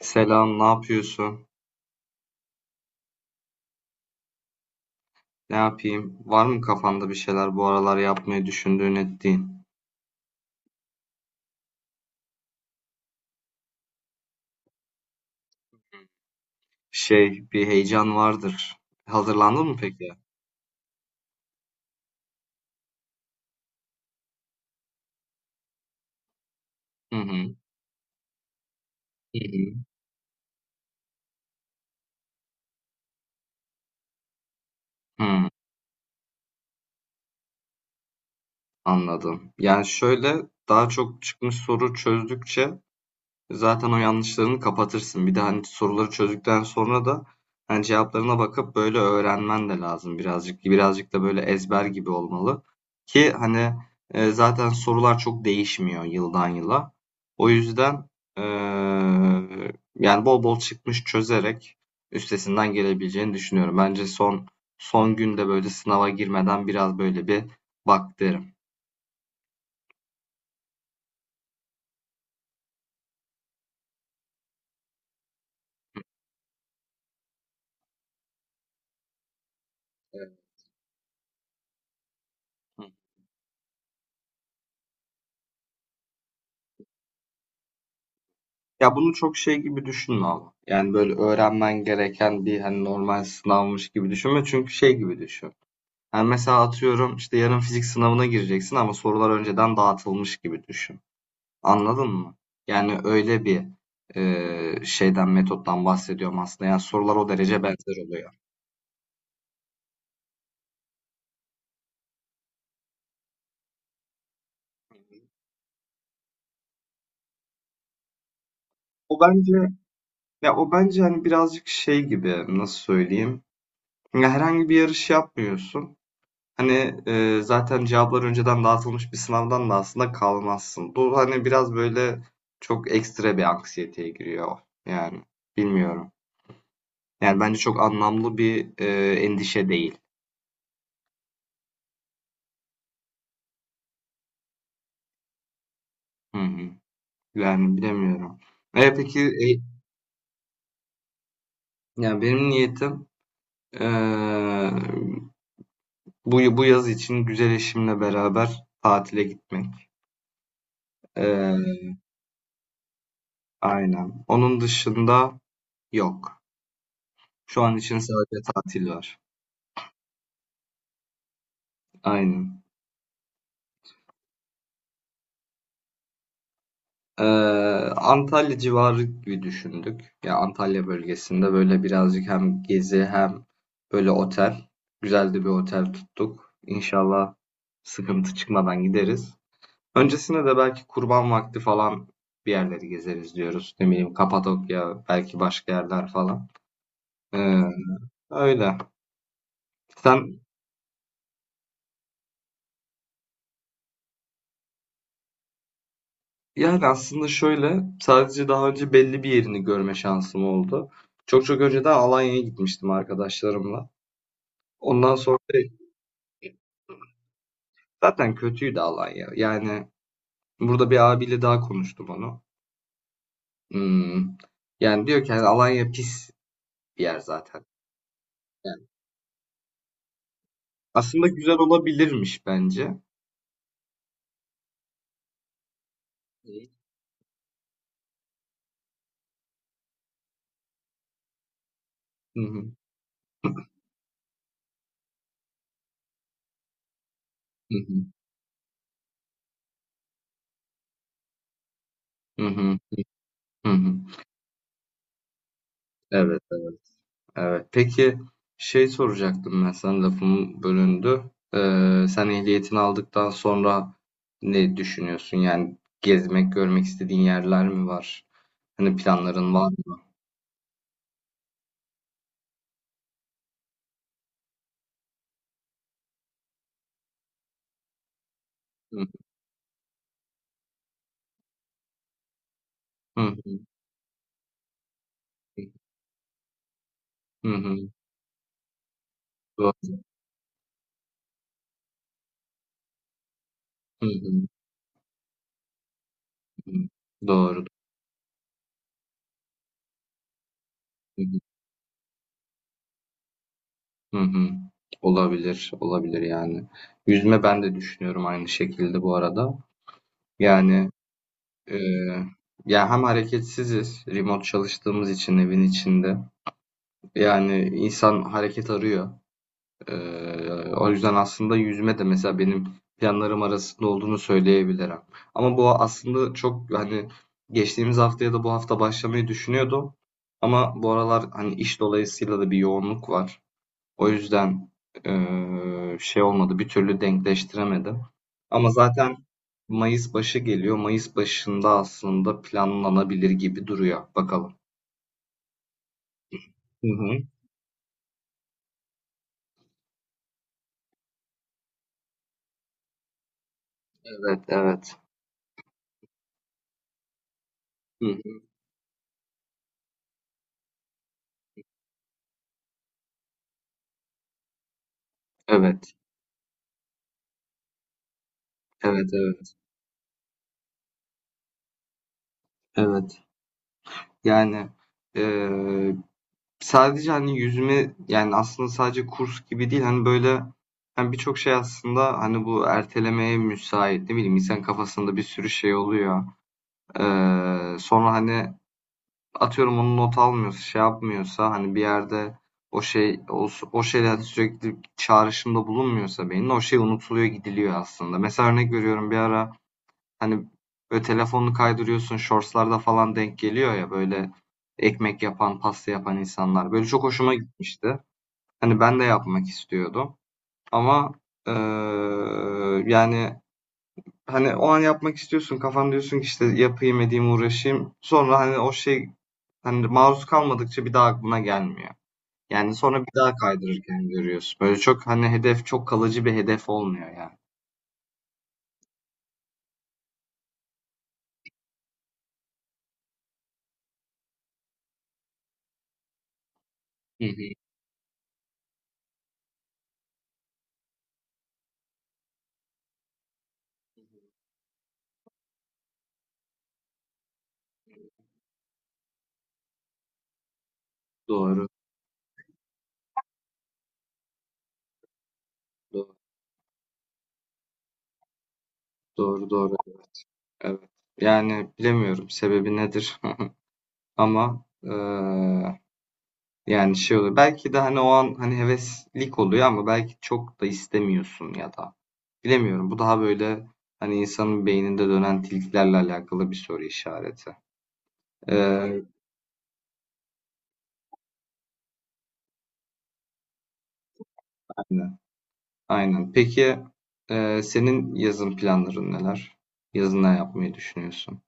Selam, ne yapıyorsun? Ne yapayım? Var mı kafanda bir şeyler bu aralar yapmayı düşündüğün ettiğin? Şey, bir heyecan vardır. Hazırlandın mı peki? Hı hı. Hı hı. Anladım. Yani şöyle daha çok çıkmış soru çözdükçe zaten o yanlışlarını kapatırsın. Bir de hani soruları çözdükten sonra da hani cevaplarına bakıp böyle öğrenmen de lazım birazcık. Birazcık da böyle ezber gibi olmalı. Ki hani zaten sorular çok değişmiyor yıldan yıla. O yüzden e, yani bol bol çıkmış çözerek üstesinden gelebileceğini düşünüyorum. Bence son günde böyle sınava girmeden biraz böyle bir bak derim. Evet. Ya bunu çok şey gibi düşünme ama. Yani böyle öğrenmen gereken bir hani normal sınavmış gibi düşünme. Çünkü şey gibi düşün. Yani mesela atıyorum işte yarın fizik sınavına gireceksin ama sorular önceden dağıtılmış gibi düşün. Anladın mı? Yani öyle bir şeyden metottan bahsediyorum aslında. Yani sorular o derece benzer oluyor. O bence o bence hani birazcık şey gibi nasıl söyleyeyim? Ya herhangi bir yarış yapmıyorsun. Hani, zaten cevaplar önceden dağıtılmış bir sınavdan da aslında kalmazsın. Bu, hani, biraz böyle çok ekstra bir anksiyeteye giriyor yani. Bilmiyorum. Yani bence çok anlamlı bir, endişe değil. Hı hı. Yani bilemiyorum. Peki, yani benim niyetim, eee, bu yaz için güzel eşimle beraber tatile gitmek. Eee, aynen. Onun dışında yok. Şu an için sadece tatil var. Aynen. Antalya civarı gibi düşündük. Ya Antalya bölgesinde böyle birazcık hem gezi hem böyle otel. Güzel de bir otel tuttuk. İnşallah sıkıntı çıkmadan gideriz. Öncesinde de belki kurban vakti falan bir yerleri gezeriz diyoruz. Ne bileyim Kapadokya, belki başka yerler falan. Eee, öyle. Sen, yani aslında şöyle sadece daha önce belli bir yerini görme şansım oldu. Çok çok önceden Alanya'ya gitmiştim arkadaşlarımla. Ondan sonra zaten kötüydü Alanya. Yani burada bir abiyle daha konuştum onu. Hmm. Yani diyor ki hani Alanya pis bir yer zaten. Yani aslında güzel olabilirmiş bence. Hı hı. Hı hı. Hı hı. Hı hı. Evet, evet, evet. Peki şey soracaktım ben sana lafım bölündü. Sen ehliyetini aldıktan sonra ne düşünüyorsun? Yani gezmek, görmek istediğin yerler mi var? Hani planların var mı? Hı hı. Hı hı. Hı hı. Hı hı. Doğru. Hı hı, hı hı. Olabilir, olabilir yani. Yüzme ben de düşünüyorum aynı şekilde bu arada. Yani e, ya hem hareketsiziz, remote çalıştığımız için evin içinde. Yani insan hareket arıyor. E, o yüzden aslında yüzme de mesela benim planlarım arasında olduğunu söyleyebilirim. Ama bu aslında çok hani geçtiğimiz hafta ya da bu hafta başlamayı düşünüyordum. Ama bu aralar hani iş dolayısıyla da bir yoğunluk var. O yüzden şey olmadı, bir türlü denkleştiremedim. Ama zaten Mayıs başı geliyor. Mayıs başında aslında planlanabilir gibi duruyor. Bakalım. Hı hı. Evet, evet. Hı hı. Evet, evet, evet, evet. Yani eee, sadece hani yüzme yani aslında sadece kurs gibi değil hani böyle hani birçok şey aslında hani bu ertelemeye müsait ne bileyim insan kafasında bir sürü şey oluyor. Sonra hani atıyorum onu not almıyorsa şey yapmıyorsa hani bir yerde o şey o şeyle hani sürekli çağrışımda bulunmuyorsa beynin o şey unutuluyor gidiliyor aslında. Mesela örnek veriyorum bir ara hani böyle telefonunu kaydırıyorsun shortslarda falan denk geliyor ya böyle ekmek yapan pasta yapan insanlar. Böyle çok hoşuma gitmişti. Hani ben de yapmak istiyordum. Ama eee, yani hani o an yapmak istiyorsun. Kafan diyorsun ki işte yapayım edeyim uğraşayım. Sonra hani o şey hani maruz kalmadıkça bir daha aklına gelmiyor. Yani sonra bir daha kaydırırken görüyorsun. Böyle çok hani hedef çok kalıcı bir hedef olmuyor yani. Hı hı. Doğru, doğru, doğru, doğru. Evet. Yani bilemiyorum sebebi nedir ama yani şey oluyor. Belki de hani o an hani heveslik oluyor ama belki çok da istemiyorsun ya da. Bilemiyorum. Bu daha böyle hani insanın beyninde dönen tilkilerle alakalı bir soru işareti. Ee, aynen. Aynen. Peki senin yazın planların neler? Yazın ne yapmayı düşünüyorsun?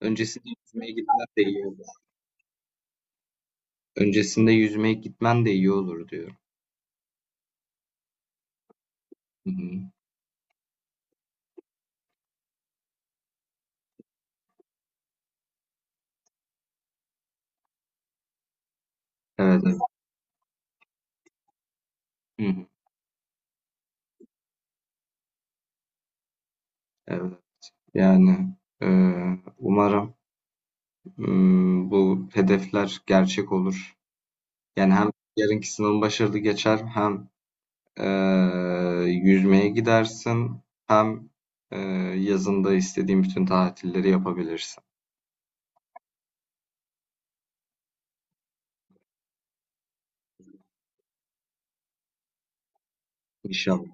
Öncesinde yüzmeye gitmen de iyi olur. Öncesinde yüzmeye gitmen de iyi olur diyorum. Hı hı. Evet, evet. Hı hı. Evet. Yani e, umarım, bu hedefler gerçek olur. Yani hem yarınki sınavın başarılı geçer hem yüzmeye gidersin hem eee, yazında istediğin bütün tatilleri yapabilirsin. İnşallah.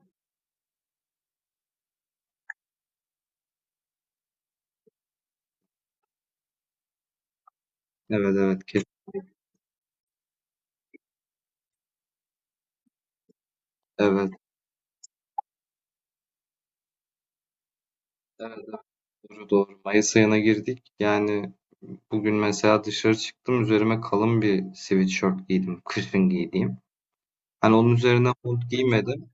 Evet, evet, kes, evet, evet, evet, doğru, doğru. Mayıs ayına girdik. Yani bugün mesela dışarı çıktım üzerime kalın bir sweatshirt giydim. Kışın giydiğim. Hani onun üzerine mont giymedim.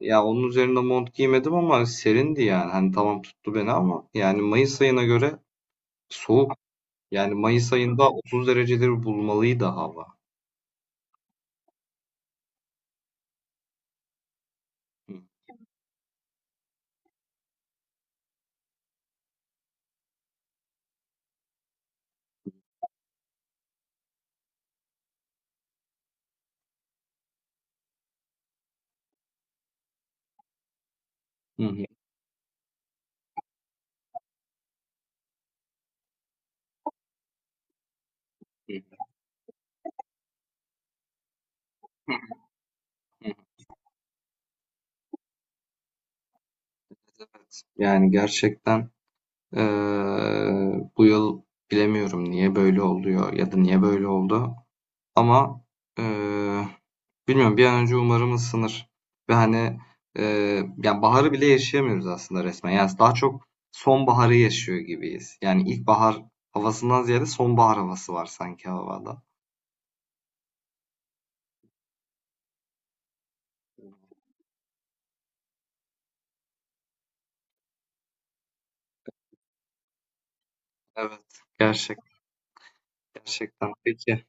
Ya onun üzerine mont giymedim ama serindi yani. Hani tamam tuttu beni ama yani Mayıs ayına göre soğuk. Yani Mayıs ayında 30 dereceleri bulmalıydı hava. Hı hı. Hı hı. Evet. Evet. Yani gerçekten eee, bu yıl bilemiyorum niye böyle oluyor ya da niye böyle oldu. Ama eee, bilmiyorum bir an önce umarım ısınır. Ve hani yani baharı bile yaşayamıyoruz aslında resmen. Yani daha çok sonbaharı yaşıyor gibiyiz. Yani ilkbahar havasından ziyade sonbahar havası var sanki havada. Evet. Gerçek, gerçekten. Peki.